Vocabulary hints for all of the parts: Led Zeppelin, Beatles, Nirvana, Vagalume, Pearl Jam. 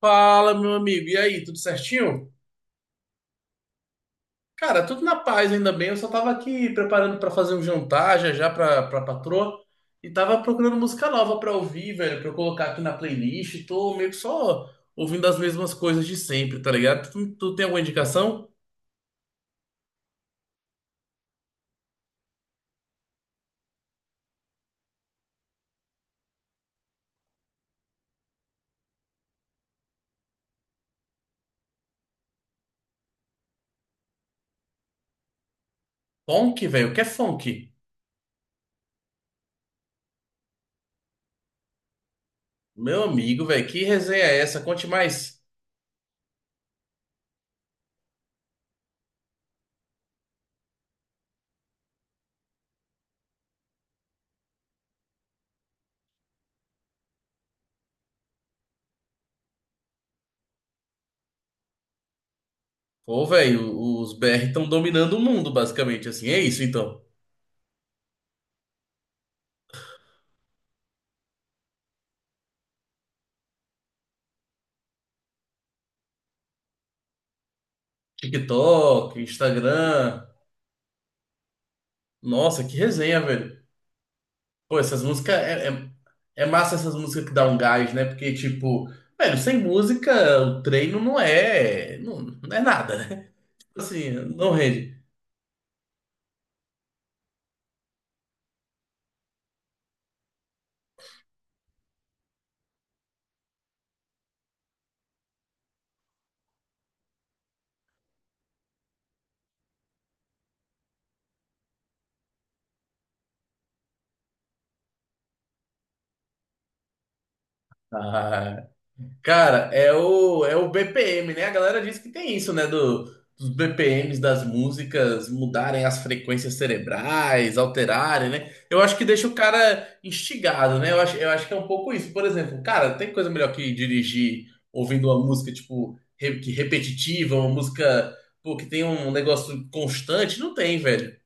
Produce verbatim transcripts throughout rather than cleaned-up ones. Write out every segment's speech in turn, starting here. Fala, meu amigo. E aí, tudo certinho? Cara, tudo na paz, ainda bem. Eu só tava aqui preparando pra fazer um jantar já já pra, pra patroa e tava procurando música nova pra ouvir, velho, pra eu colocar aqui na playlist. Tô meio que só ouvindo as mesmas coisas de sempre, tá ligado? Tu, tu tem alguma indicação? Funk, velho. O que é funk? Meu amigo, velho, que resenha é essa? Conte mais. Pô, velho, os B R estão dominando o mundo, basicamente, assim. É isso, então. TikTok, Instagram. Nossa, que resenha, velho. Pô, essas músicas é, é, é massa essas músicas que dá um gás, né? Porque, tipo, velho, sem música o treino não é. Não, não é nada, né? Assim, não rende. Ah, cara, é o, é o B P M, né? A galera diz que tem isso, né? Do, dos B P Ms das músicas mudarem as frequências cerebrais, alterarem, né? Eu acho que deixa o cara instigado, né? Eu acho, eu acho que é um pouco isso. Por exemplo, cara, tem coisa melhor que dirigir ouvindo uma música, tipo, re- que repetitiva, uma música, pô, que tem um negócio constante? Não tem, velho.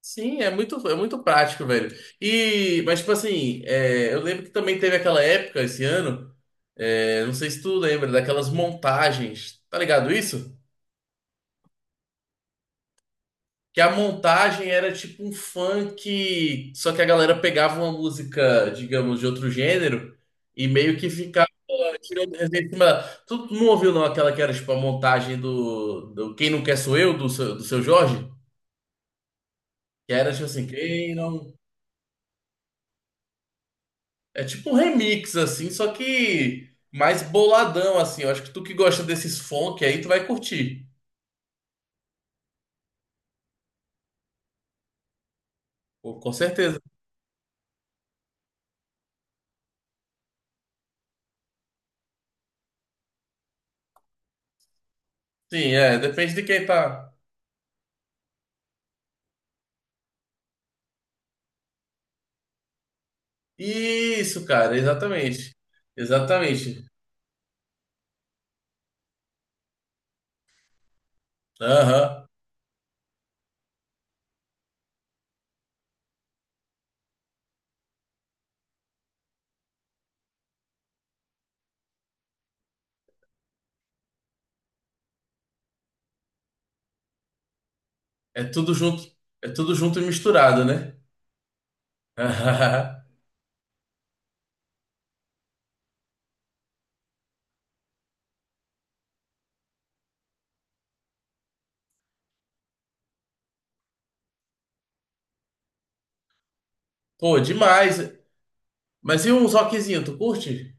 Sim, é muito, é muito prático, velho. E, mas, tipo assim, é, eu lembro que também teve aquela época, esse ano. É, não sei se tu lembra daquelas montagens, tá ligado isso? Que a montagem era tipo um funk, só que a galera pegava uma música, digamos, de outro gênero e meio que ficava tirando resenha em cima dela. Tu não ouviu não aquela que era tipo a montagem do, do Quem Não Quer Sou Eu, do seu, do seu Jorge? Que era tipo assim, quem não. É tipo um remix, assim, só que mais boladão, assim. Eu acho que tu que gosta desses funk aí, tu vai curtir. Pô, com certeza. Sim, é, depende de quem tá. Isso, cara, exatamente. Exatamente. Aham. É tudo junto, é tudo junto e misturado, né? Pô, demais. Mas e uns rockzinho, tu curte?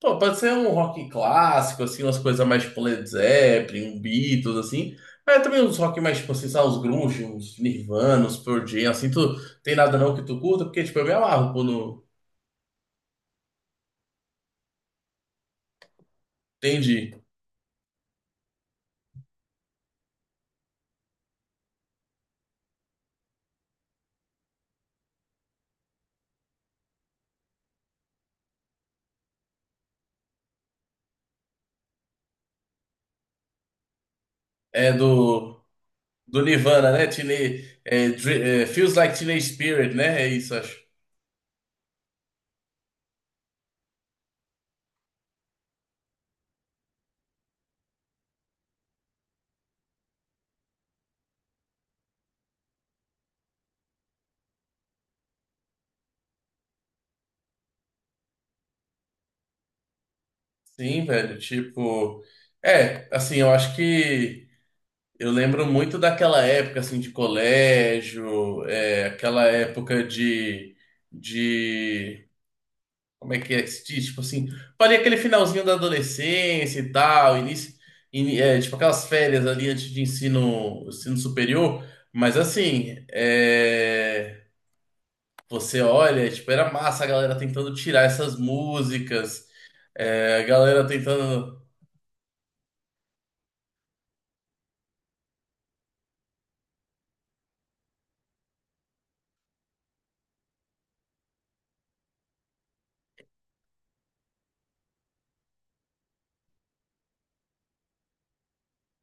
Pô, pode ser um rock clássico, assim, umas coisas mais tipo Led Zeppelin, um Beatles, assim. Mas também uns rock mais, tipo, assim, sabe, uns grunge, uns Nirvana, uns Pearl Jam, assim, tu tem nada não que tu curta? Porque, tipo, eu me amarro quando, entende? É do... Do Nirvana, né? Teenage, é, Dre- é, Feels Like Teenage Spirit, né? É isso, acho. Sim, velho. Tipo. É, assim, eu acho que. Eu lembro muito daquela época, assim, de colégio, é, aquela época de. De. Como é que é que se diz? Tipo assim. Parecia aquele finalzinho da adolescência e tal, início. ini- é, tipo aquelas férias ali antes de ensino, ensino superior. Mas assim. É. Você olha, é, tipo, era massa a galera tentando tirar essas músicas, é, a galera tentando.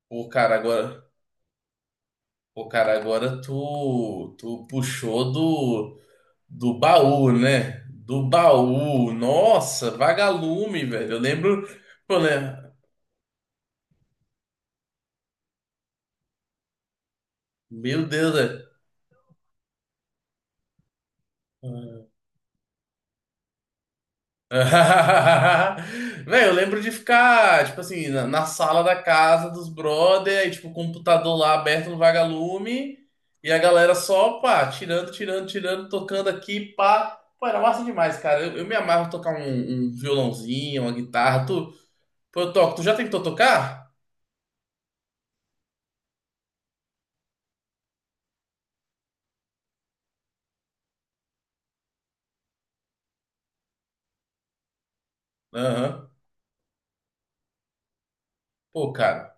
Pô, cara, agora. Pô, cara, agora tu, tu puxou do, do baú, né? Do baú. Nossa, vagalume, velho. Eu lembro. Pô, né? Meu Deus, velho. Velho, eu lembro de ficar, tipo assim, na, na sala da casa dos brother, aí, tipo, o computador lá aberto no vagalume, e a galera só, pá, tirando, tirando, tirando, tocando aqui, pá. Pô, era massa demais, cara. Eu, eu me amarro em tocar um, um violãozinho, uma guitarra, tu... Pô, eu toco. Tu já tentou tocar? Aham. Pô, cara,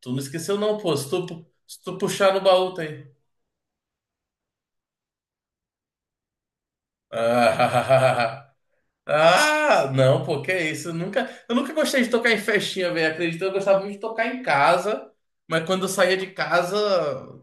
tu não esqueceu não, pô. Se tu, pu- se tu puxar no baú, tem. Ah, não, pô, que é isso? Eu nunca, eu nunca gostei de tocar em festinha, velho. Acredito, eu gostava muito de tocar em casa, mas quando eu saía de casa,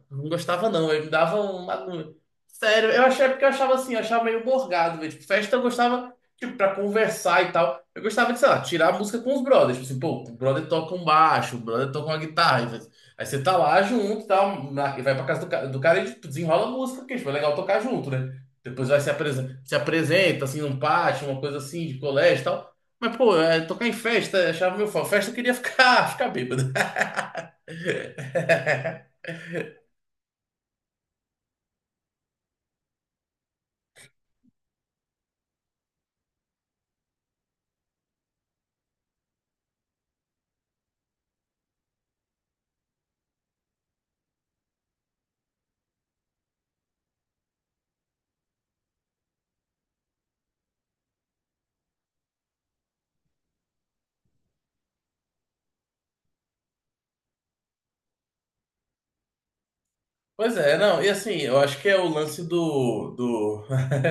não gostava, não. Eu me dava uma. Sério, eu achei é porque eu achava assim, eu achava meio borgado, velho. Tipo, festa eu gostava, tipo, pra conversar e tal. Eu gostava de, sei lá, tirar a música com os brothers. Tipo assim, pô, o brother toca um baixo, o brother toca uma guitarra. Aí você aí você tá lá junto e tal, na- e vai pra casa do, ca- do cara e tipo, desenrola a música, porque tipo, é legal tocar junto, né? Depois vai se apresenta, se apresenta assim num pátio, uma coisa assim, de colégio e tal. Mas, pô, é, tocar em festa, achava meu foco. Festa eu queria ficar, ficar bêbado. Pois é, não, e assim, eu acho que é o lance do, do...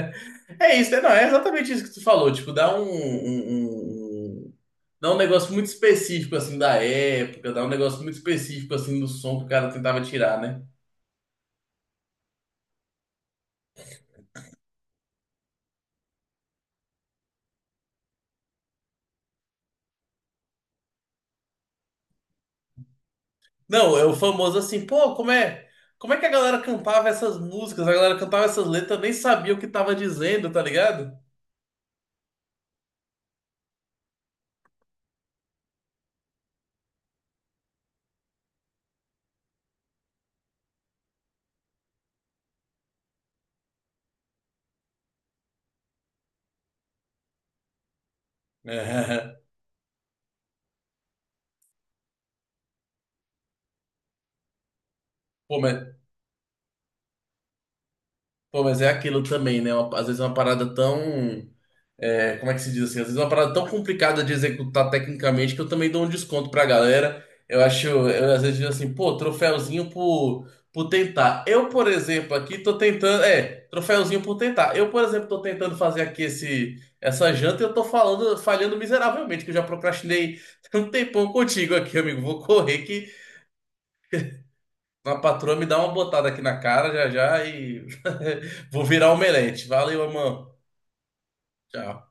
É isso, é, não, é exatamente isso que tu falou, tipo, dá um, um, um- um, dá um negócio muito específico, assim, da época, dá um negócio muito específico, assim, do som que o cara tentava tirar, né? Não, é o famoso assim, pô, como é, como é que a galera cantava essas músicas? A galera cantava essas letras, nem sabia o que tava dizendo, tá ligado? É. Pô, mas, pô, mas é aquilo também, né? Uma- às vezes é uma parada tão é, como é que se diz assim? Às vezes é uma parada tão complicada de executar tecnicamente que eu também dou um desconto pra galera. Eu acho, eu às vezes digo assim, pô, troféuzinho por, por tentar. Eu, por exemplo, aqui tô tentando. É, troféuzinho por tentar. Eu, por exemplo, tô tentando fazer aqui esse, essa janta e eu tô falando, falhando miseravelmente, que eu já procrastinei um tempão contigo aqui, amigo. Vou correr que a patroa me dá uma botada aqui na cara já já e vou virar omelete. Valeu, irmão. Tchau.